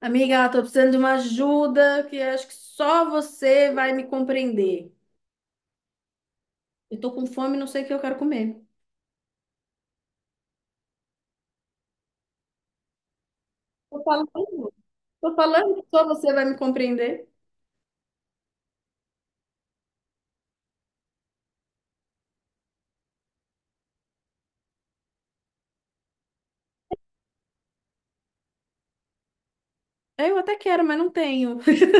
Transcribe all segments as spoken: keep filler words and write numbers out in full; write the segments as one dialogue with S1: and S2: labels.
S1: Amiga, eu tô precisando de uma ajuda que eu acho que só você vai me compreender. Eu tô com fome, e não sei o que eu quero comer. Tô falando, tô falando que só você vai me compreender. É, eu até quero, mas não tenho.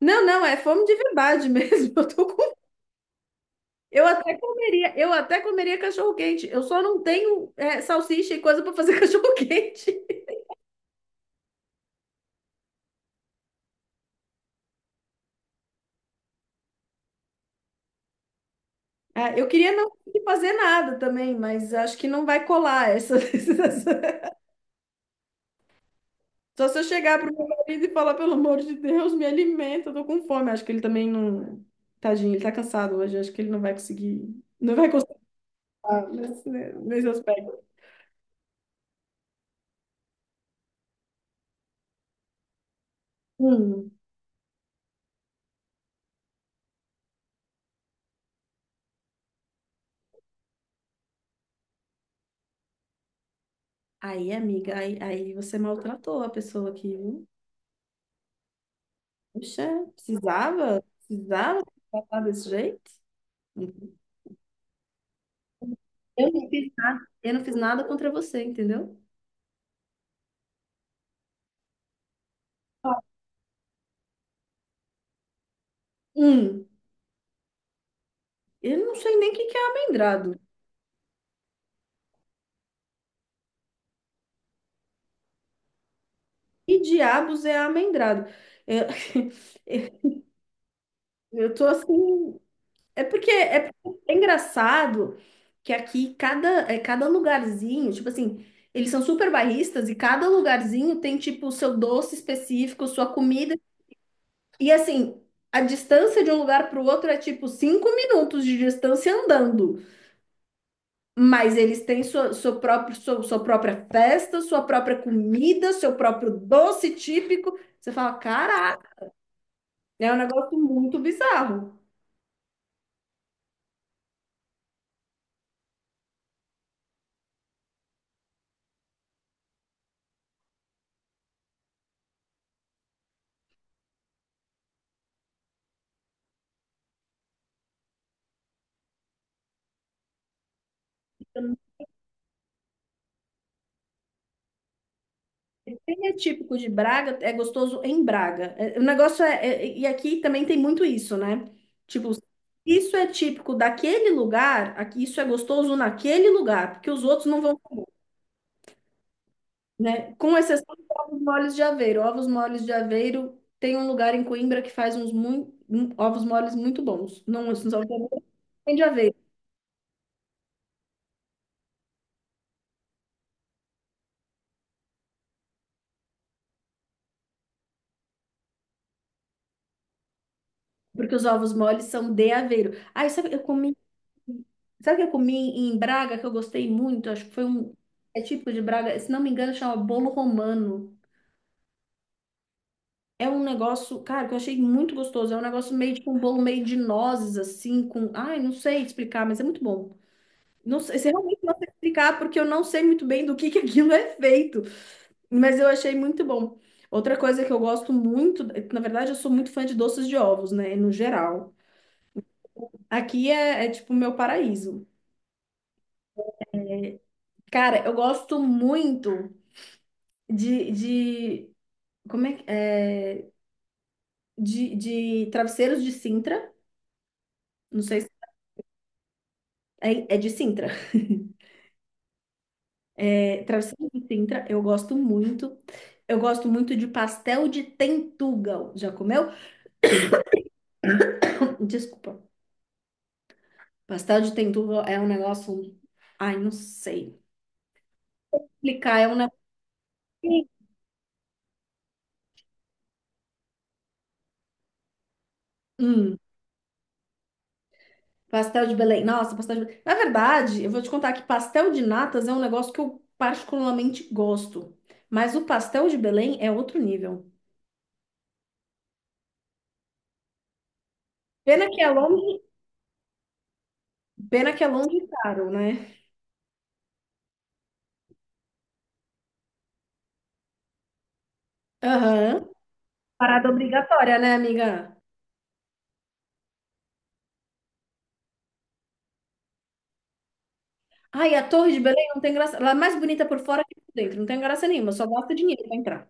S1: Não, não, é fome de verdade mesmo. Eu tô com. Eu até comeria, eu até comeria cachorro-quente. Eu só não tenho é, salsicha e coisa pra fazer cachorro-quente. Ah, eu queria não fazer nada também, mas acho que não vai colar essa, essa. Só se eu chegar pro meu marido e falar, pelo amor de Deus, me alimenta, eu tô com fome. Acho que ele também não. Tadinho, ele tá cansado hoje. Acho que ele não vai conseguir. Não vai conseguir nesse, nesse aspecto. Hum. Aí, amiga, aí, aí você maltratou a pessoa aqui, viu? Puxa, precisava? Precisava tratar desse jeito? Uhum. Eu não fiz, eu não fiz nada contra você, entendeu? Hum, eu não sei nem o que que é amendrado. Que diabos é amendrado? Eu, eu tô assim. É porque é, porque é engraçado que aqui cada, é, cada lugarzinho, tipo assim, eles são super bairristas e cada lugarzinho tem tipo o seu doce específico, sua comida. E assim, a distância de um lugar para o outro é tipo cinco minutos de distância andando. Mas eles têm sua, seu próprio, sua, sua própria festa, sua própria comida, seu próprio doce típico. Você fala, caraca, é um negócio muito bizarro. Ele é típico de Braga, é gostoso em Braga. É, o negócio é, é- e aqui também tem muito isso, né? Tipo, isso é típico daquele lugar, aqui isso é gostoso naquele lugar, porque os outros não vão, né? Com exceção de ovos moles de Aveiro. Ovos moles de Aveiro tem um lugar em Coimbra que faz uns mui- um- ovos moles muito bons. Não, os ovos moles de Aveiro, porque os ovos moles são de Aveiro. Aí, sabe, eu comi Sabe o que eu comi em Braga que eu gostei muito? Acho que foi um. É típico de Braga, se não me engano, chama bolo romano. É um negócio, cara, que eu achei muito gostoso. É um negócio meio tipo um bolo meio de nozes, assim, com. Ai, não sei explicar, mas é muito bom. Não sei, se realmente não sei explicar, porque eu não sei muito bem do que que aquilo é feito. Mas eu achei muito bom. Outra coisa que eu gosto muito, na verdade, eu sou muito fã de doces de ovos, né? No geral. Aqui é, é tipo o meu paraíso. Cara, eu gosto muito. de, de como é, que- é de, de travesseiros de Sintra, não sei se é, é de Sintra. É, travesseiros de Sintra, eu gosto muito. Eu gosto muito de pastel de tentugal. Já comeu? Desculpa. Pastel de tentugal é um negócio, ai, não sei explicar, é um negócio. Hum, Pastel de Belém. Nossa, pastel de Belém. Na verdade, eu vou te contar que pastel de natas é um negócio que eu particularmente gosto. Mas o pastel de Belém é outro nível. Pena que é longe, pena que é longe e caro, né? Aham. Parada obrigatória, né, amiga? Ai, a Torre de Belém não tem graça. Ela é mais bonita por fora que por dentro. Não tem graça nenhuma, só gasta dinheiro pra entrar.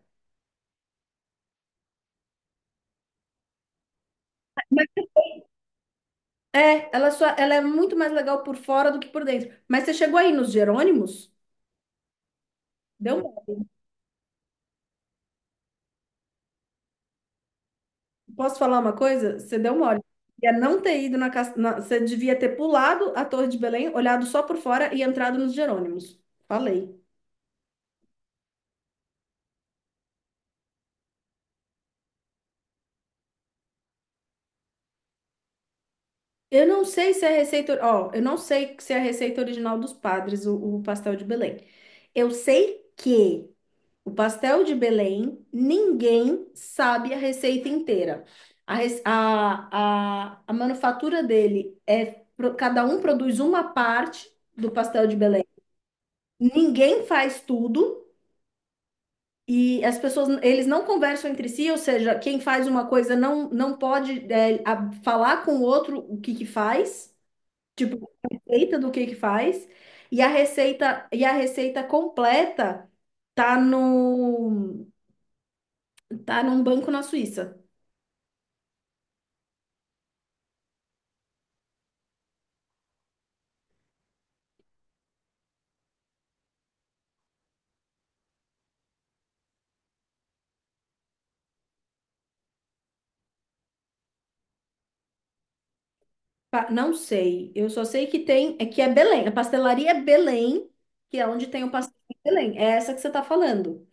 S1: Mas é, ela, só, ela é muito mais legal por fora do que por dentro. Mas você chegou aí nos Jerônimos? Deu mole. Posso falar uma coisa? Você deu mole. Ia não ter ido na, cas- na. Você devia ter pulado a Torre de Belém, olhado só por fora e entrado nos Jerônimos. Falei. Eu não sei se é a receita, ó, eu não sei se é a receita original dos padres, o, o pastel de Belém. Eu sei que o pastel de Belém, ninguém sabe a receita inteira. A, rece- a, a, a manufatura dele é, pro- cada um produz uma parte do pastel de Belém. Ninguém faz tudo e as pessoas, eles não conversam entre si, ou seja, quem faz uma coisa não, não pode, é, a- falar com o outro o que que faz. Tipo, a receita do que que faz. E a receita, e a receita completa tá no, tá num banco na Suíça. Pa- Não sei. Eu só sei que tem, é que é Belém. A pastelaria é Belém, que é onde tem o pastel em Belém. É essa que você tá falando.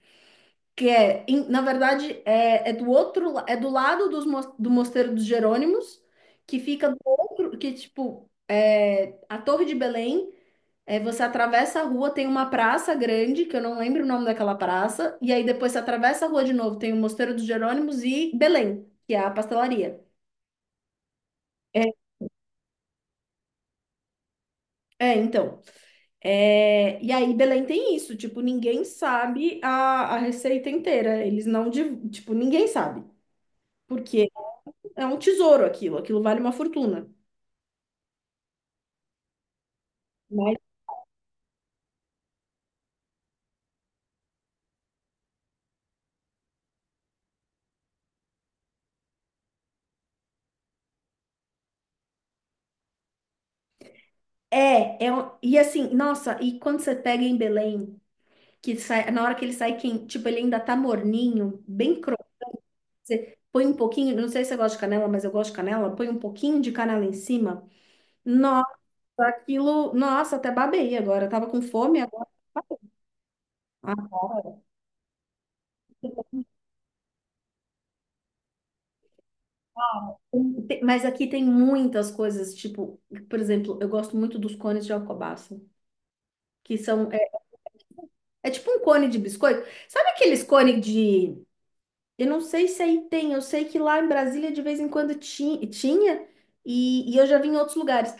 S1: Que é, em- na verdade, é, é do outro, la- é do lado dos, mos- do Mosteiro dos Jerônimos, que fica do outro, que tipo, é, a Torre de Belém. É, você atravessa a rua, tem uma praça grande, que eu não lembro o nome daquela praça, e aí depois você atravessa a rua de novo, tem o Mosteiro dos Jerônimos e Belém, que é a pastelaria. É, é, então. É, e aí Belém tem isso, tipo, ninguém sabe a, a, receita inteira, eles não, div- tipo, ninguém sabe, porque é um tesouro aquilo, aquilo vale uma fortuna. Mas é, é, um- e assim, nossa, e quando você pega em Belém, que sai, na hora que ele sai, quem, tipo, ele ainda tá morninho, bem. Você põe um pouquinho, não sei se você gosta de canela, mas eu gosto de canela. Põe um pouquinho de canela em cima. Nossa, aquilo. Nossa, até babei agora. Eu tava com fome agora. Agora. Tem- Mas aqui tem muitas coisas, tipo, por exemplo, eu gosto muito dos cones de alcobaça, que são. É, é tipo um cone de biscoito. Sabe aqueles cones de. Eu não sei se aí tem, eu sei que lá em Brasília de vez em quando ti- tinha, e, e eu já vi em outros lugares.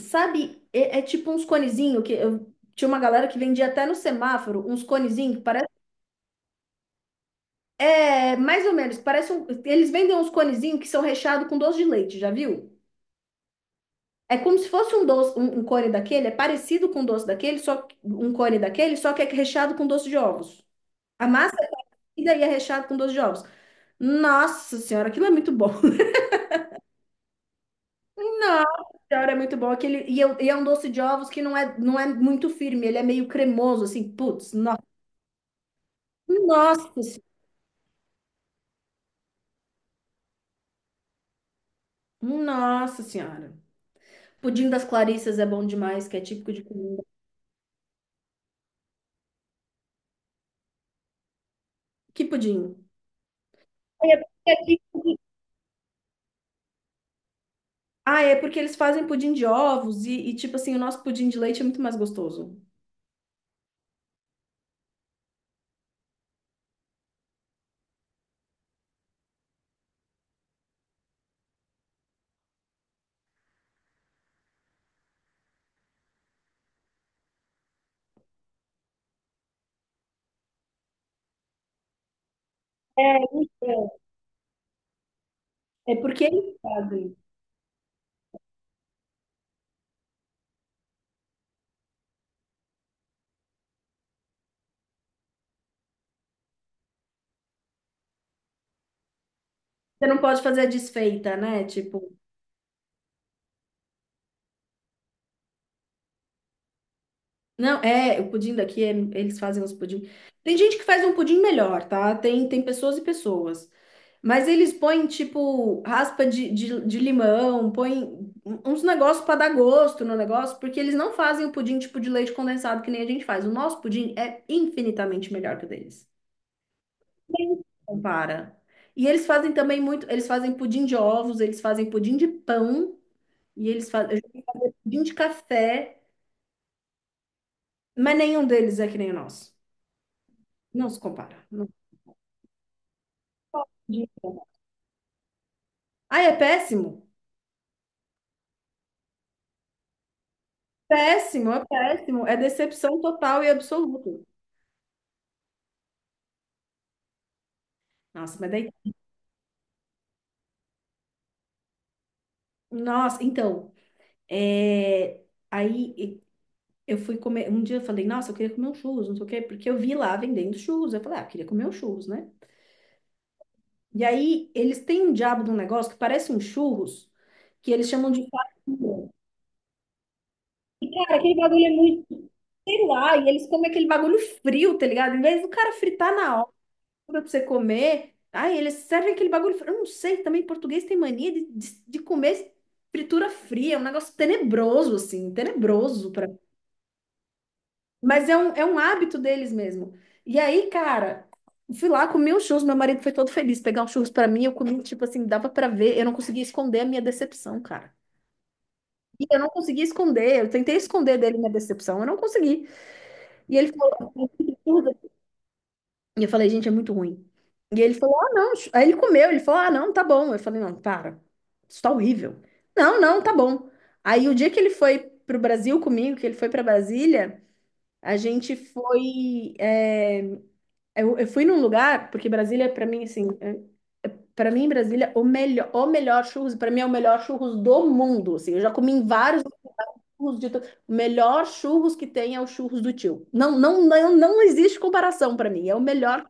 S1: Sabe, é, é tipo uns conezinho que eu tinha uma galera que vendia até no semáforo, uns conezinho que parece. É mais ou menos, parece um, eles vendem uns conezinho que são recheados com doce de leite, já viu? É como se fosse um doce, um, um cone daquele, é parecido com um doce daquele, só que- um cone daquele, só que é recheado com doce de ovos. A massa é parecida e é recheado com doce de ovos. Nossa senhora, aquilo é muito bom. Nossa senhora, é muito bom. Aquele, e, é, um, e é um doce de ovos que não é, não é muito firme, ele é meio cremoso, assim, putz. Nossa, se- nossa senhora. Pudim das Clarissas é bom demais, que é típico de comida. Que pudim? Ah, é porque aqui. Ah, é porque eles fazem pudim de ovos e, e, tipo assim, o nosso pudim de leite é muito mais gostoso. É porque eles fazem. Você não pode fazer a desfeita, né? Tipo. Não, é, o pudim daqui, é- eles fazem uns pudim. Tem gente que faz um pudim melhor, tá? Tem, tem pessoas e pessoas. Mas eles põem, tipo, raspa de, de, de limão, põem uns negócios para dar gosto no negócio, porque eles não fazem o pudim tipo de leite condensado que nem a gente faz. O nosso pudim é infinitamente melhor que o deles. Compara. E eles fazem também muito, eles fazem pudim de ovos, eles fazem pudim de pão, e eles fazem pudim de café, mas nenhum deles é que nem o nosso. Não se compara. Não. Pode. Ah, é péssimo? Péssimo, é péssimo. É decepção total e absoluta. Nossa, mas daí. Nossa, então. é, Aí e- eu fui comer. Um dia eu falei, nossa, eu queria comer um churros, não sei o quê, porque eu vi lá vendendo churros. Eu falei, ah, eu queria comer um churros, né? E aí eles têm um diabo de um negócio que parece um churros, que eles chamam de farinha. E, cara, aquele bagulho é muito, sei lá, e eles comem aquele bagulho frio, tá ligado? Em vez do cara fritar na pra você comer. Aí eles servem aquele bagulho. Eu não sei, também português tem mania de, de, de comer fritura fria, é um negócio tenebroso, assim, tenebroso. Pra. Mas é um, é um, hábito deles mesmo. E aí, cara, fui lá, comi os churros, meu marido foi todo feliz pegar os churros pra mim, eu comi, tipo assim, dava pra ver, eu não conseguia esconder a minha decepção, cara. E eu não conseguia esconder, eu tentei esconder dele minha decepção, eu não consegui. E ele falou. E eu falei, gente, é muito ruim. E ele falou, ah, não. Aí ele comeu, ele falou, ah, não, tá bom. Eu falei, não, para, isso tá horrível. Não, não, tá bom. Aí o dia que ele foi pro Brasil comigo, que ele foi pra Brasília, a gente foi. é, Eu, eu fui num lugar, porque Brasília, pra mim, assim, é, pra mim, Brasília, o melhor, o melhor churros, pra mim é o melhor churros do mundo. Assim, eu já comi em vários churros de. to- O melhor churros que tem é o churros do tio. Não, não, não, não existe comparação pra mim. É o melhor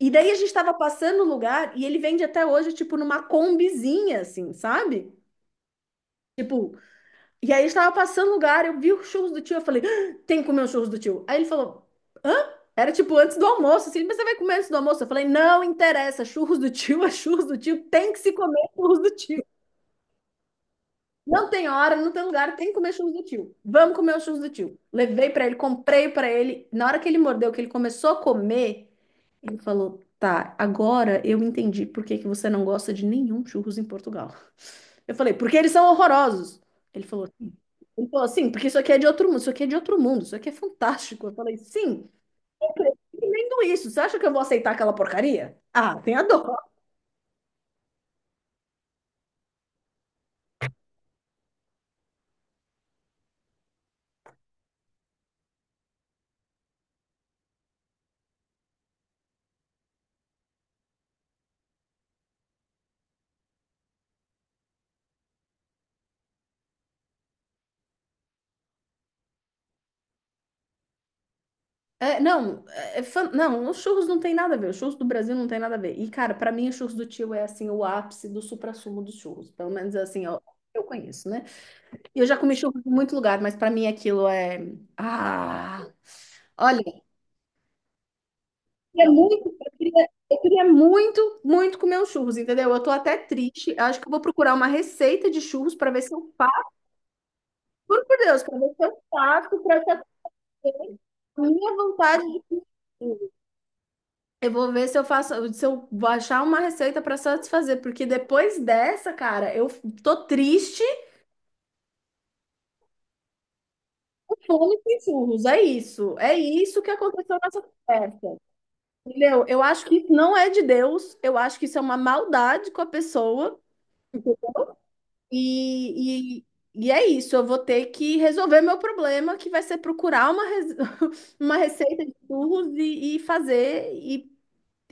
S1: e daí a gente tava passando o lugar e ele vende até hoje, tipo, numa combizinha, assim, sabe? Tipo, e aí a gente tava passando o lugar, eu vi os churros do tio, eu falei, "Ah, tem que comer os churros do tio. Aí ele falou, hã? Era tipo antes do almoço, assim, mas você vai comer antes do almoço? Eu falei, não interessa, churros do tio é churros do tio, tem que se comer churros do tio. Não tem hora, não tem lugar, tem que comer churros do tio. Vamos comer os churros do tio. Levei pra ele, comprei pra ele. Na hora que ele mordeu, que ele começou a comer, ele falou: Tá, agora eu entendi por que que você não gosta de nenhum churros em Portugal. Eu falei: Porque eles são horrorosos. Ele falou: Sim. Ele falou assim, porque isso aqui é de outro mundo, isso aqui é de outro mundo, isso aqui é fantástico. Eu falei: Sim, entendo isso. Você acha que eu vou aceitar aquela porcaria? Ah, tem a dor. É, não, é, é fan- não, os churros não tem nada a ver, os churros do Brasil não tem nada a ver. E, cara, pra mim, os churros do tio é assim, o ápice do suprassumo dos churros. Pelo menos assim, eu, eu conheço, né? Eu já comi churros em muito lugar, mas pra mim aquilo é. Ah! Olha, eu queria muito, eu queria, eu queria muito, muito comer os churros, entendeu? Eu tô até triste. Acho que eu vou procurar uma receita de churros pra ver se eu faço. Juro por Deus, pra ver se eu faço pra satisfazer a minha vontade de comer. Eu vou ver se eu faço, se eu vou achar uma receita pra satisfazer, porque depois dessa, cara, eu tô triste, com fome e sem churros. É isso, é isso que aconteceu nessa conversa. Entendeu? Eu acho que isso não é de Deus, eu acho que isso é uma maldade com a pessoa. Entendeu? E, e, e é isso, eu vou ter que resolver meu problema, que vai ser procurar uma, res- uma receita de churros e, e fazer, e,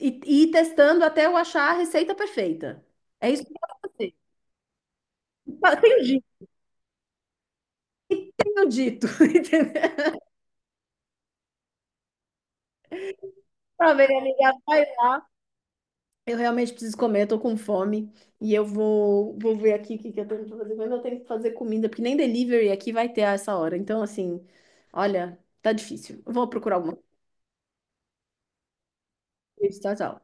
S1: e, e ir testando até eu achar a receita perfeita. É isso que eu vou fazer. Tenho dito, tenho dito, entendeu? Pra ver, amiga. Eu realmente preciso comer, eu tô com fome. E eu vou, vou ver aqui o que que eu tenho que fazer. Mas eu tenho que fazer comida, porque nem delivery aqui vai ter a essa hora. Então, assim, olha, tá difícil. Eu vou procurar alguma coisa. Tchau, tchau.